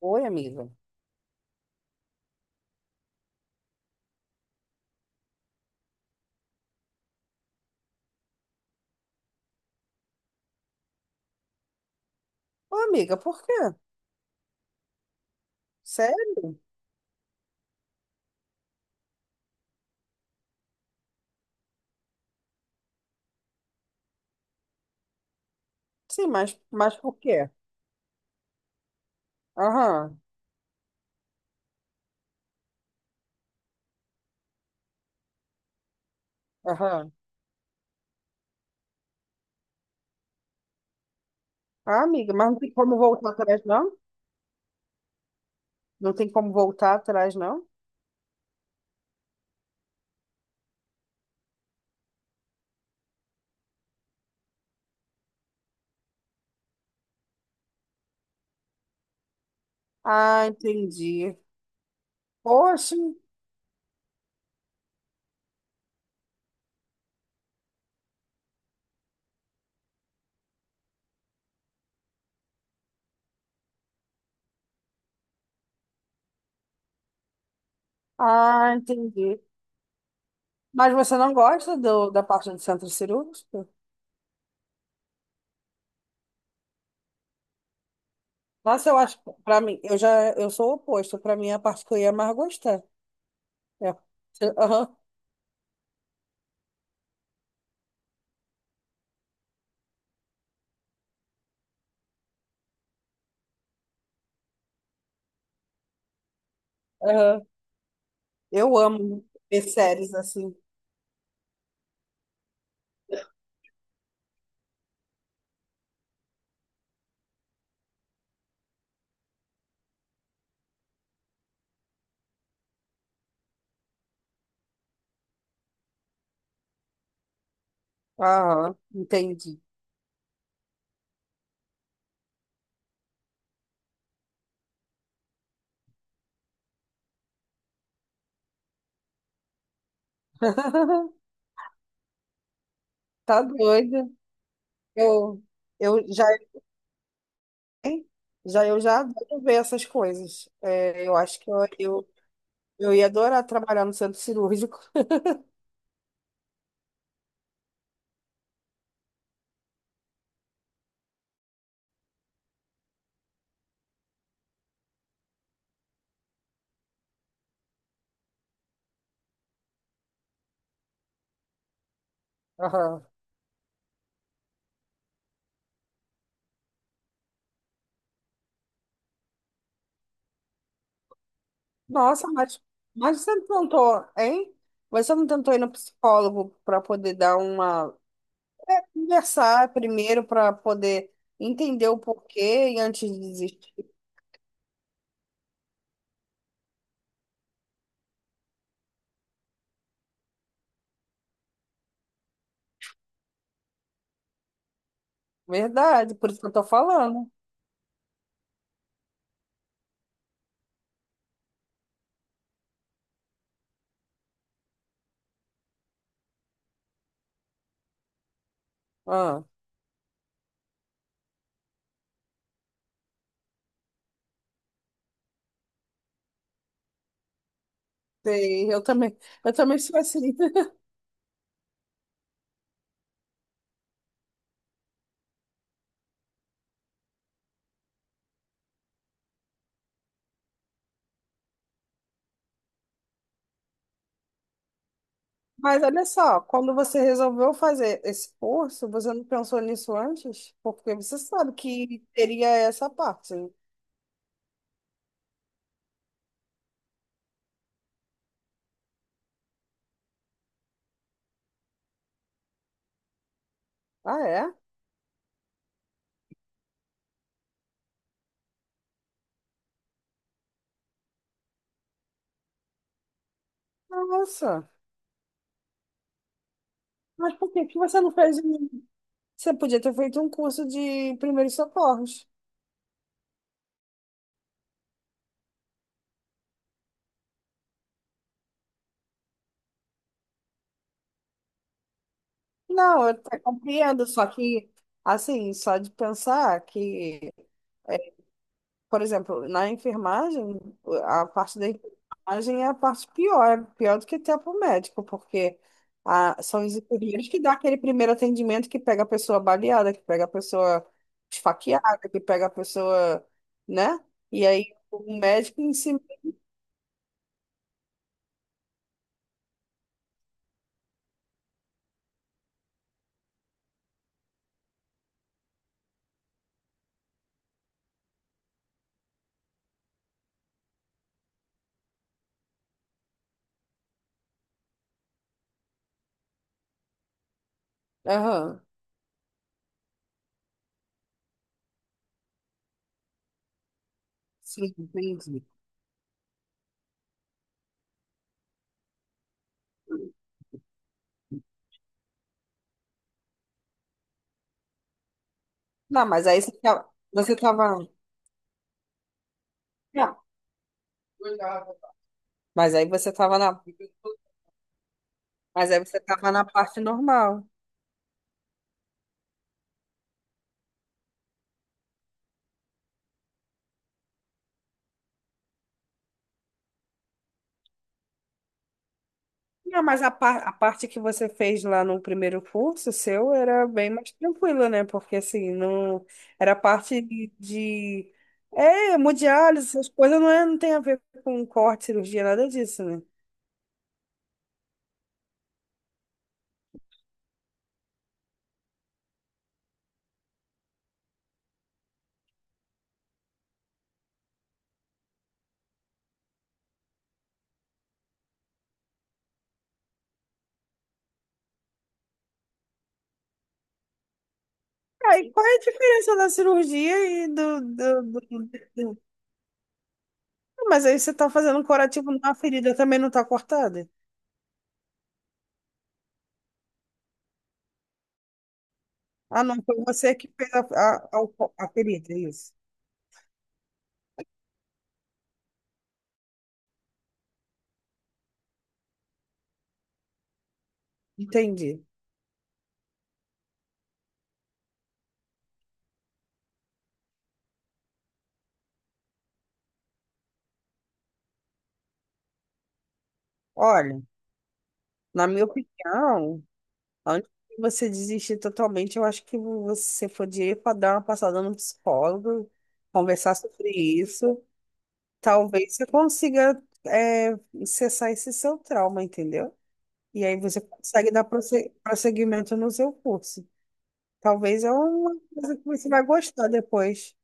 Oi, amiga. Oi, amiga, por quê? Sério? Sim, mas por quê? Aham, aham. Ah, amiga, mas não tem como voltar atrás, não? Não tem como voltar atrás, não? Ah, entendi. Poxa, ah, entendi. Mas você não gosta da parte do centro cirúrgico? Nossa, para mim, eu sou o oposto. Para mim, é a parte que eu ia mais gostar. É. Aham, aham. Eu amo ver séries assim. Aham, entendi. Tá doida. Eu, eu já, eu já adoro ver essas coisas. É, eu acho que eu ia adorar trabalhar no centro cirúrgico. Aham. Nossa, mas você não tentou, hein? Você não tentou ir no psicólogo para poder dar uma conversar primeiro para poder entender o porquê e antes de desistir. Verdade, por isso que eu tô falando. Ah, sei, eu também sou assim. Mas olha só, quando você resolveu fazer esse curso, você não pensou nisso antes? Porque você sabe que teria essa parte. Ah, é? Nossa. Mas por que que você não fez? Você podia ter feito um curso de primeiros socorros. Não, eu até compreendo, só que, assim, só de pensar que. Por exemplo, na enfermagem, a parte da enfermagem é a parte pior, é pior do que até para o médico, porque são os enfermeiros que dão aquele primeiro atendimento, que pega a pessoa baleada, que pega a pessoa esfaqueada, que pega a pessoa, né? E aí o médico em si. Aham, sim, entendi. Não, mas aí você tava. Você tava... Não, mas aí você tava na. Mas aí você tava na parte normal. Não, a parte que você fez lá no primeiro curso seu era bem mais tranquila, né? Porque assim, não era parte de- é, hemodiálise, essas coisas não, é, não tem a ver com corte, cirurgia, nada disso, né? Aí, qual é a diferença da cirurgia e do? Mas aí você tá fazendo um curativo na ferida, também não tá cortada? Ah, não, foi você que fez a ferida, é isso. Entendi. Olha, na minha opinião. Antes de você desistir totalmente, eu acho que você podia para dar uma passada no psicólogo, conversar sobre isso. Talvez você consiga é, cessar esse seu trauma, entendeu? E aí você consegue dar prosseguimento no seu curso. Talvez é uma coisa que você vai gostar depois.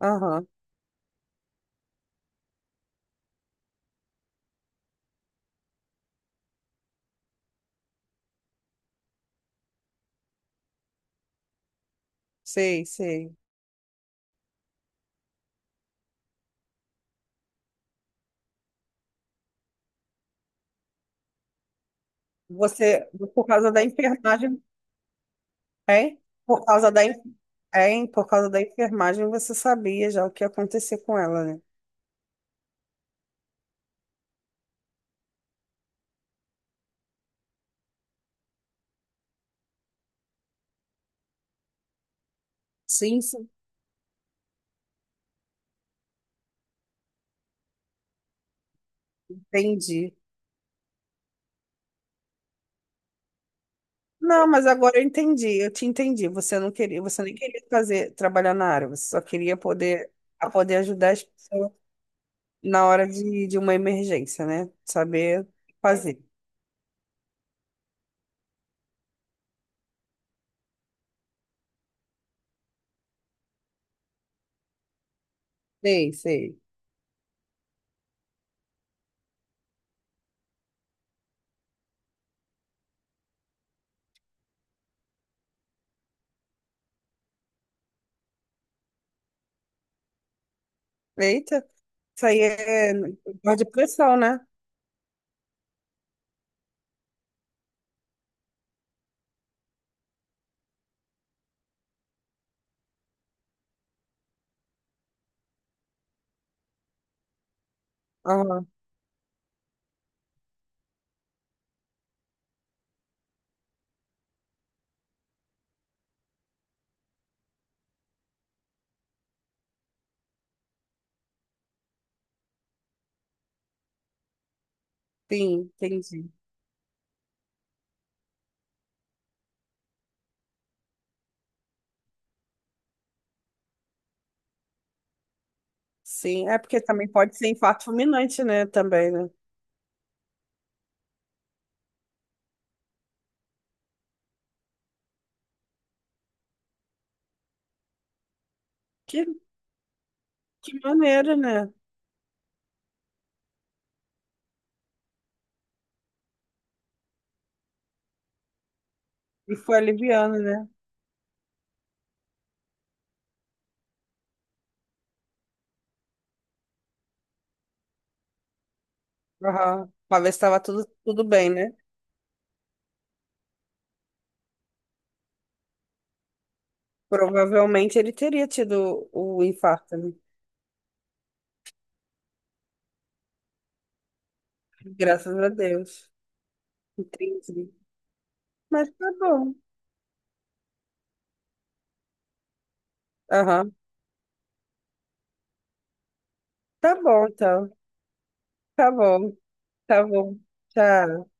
Aham, sei, sei. Você, por causa da enfermagem, é? Por causa é, por causa da enfermagem, você sabia já o que ia acontecer com ela, né? Sim, sim. Entendi. Não, mas agora eu entendi, eu te entendi. Você não queria, você nem queria fazer, trabalhar na área, você só queria poder, a poder ajudar as pessoas na hora de uma emergência, né? Saber fazer. Sei, sei. Eita, isso aí é dor de pressão, né? Aham, sim, entendi. Sim, é porque também pode ser infarto fulminante, né? Também, né? Que, que maneira, né? E foi aliviando, né? Aham. Pra ver se estava tudo, tudo bem, né? Provavelmente ele teria tido o infarto, né? Graças a Deus. Entendi. Mas tá bom. Aham. Tá bom, então. Tá bom. Tá bom. Tchau.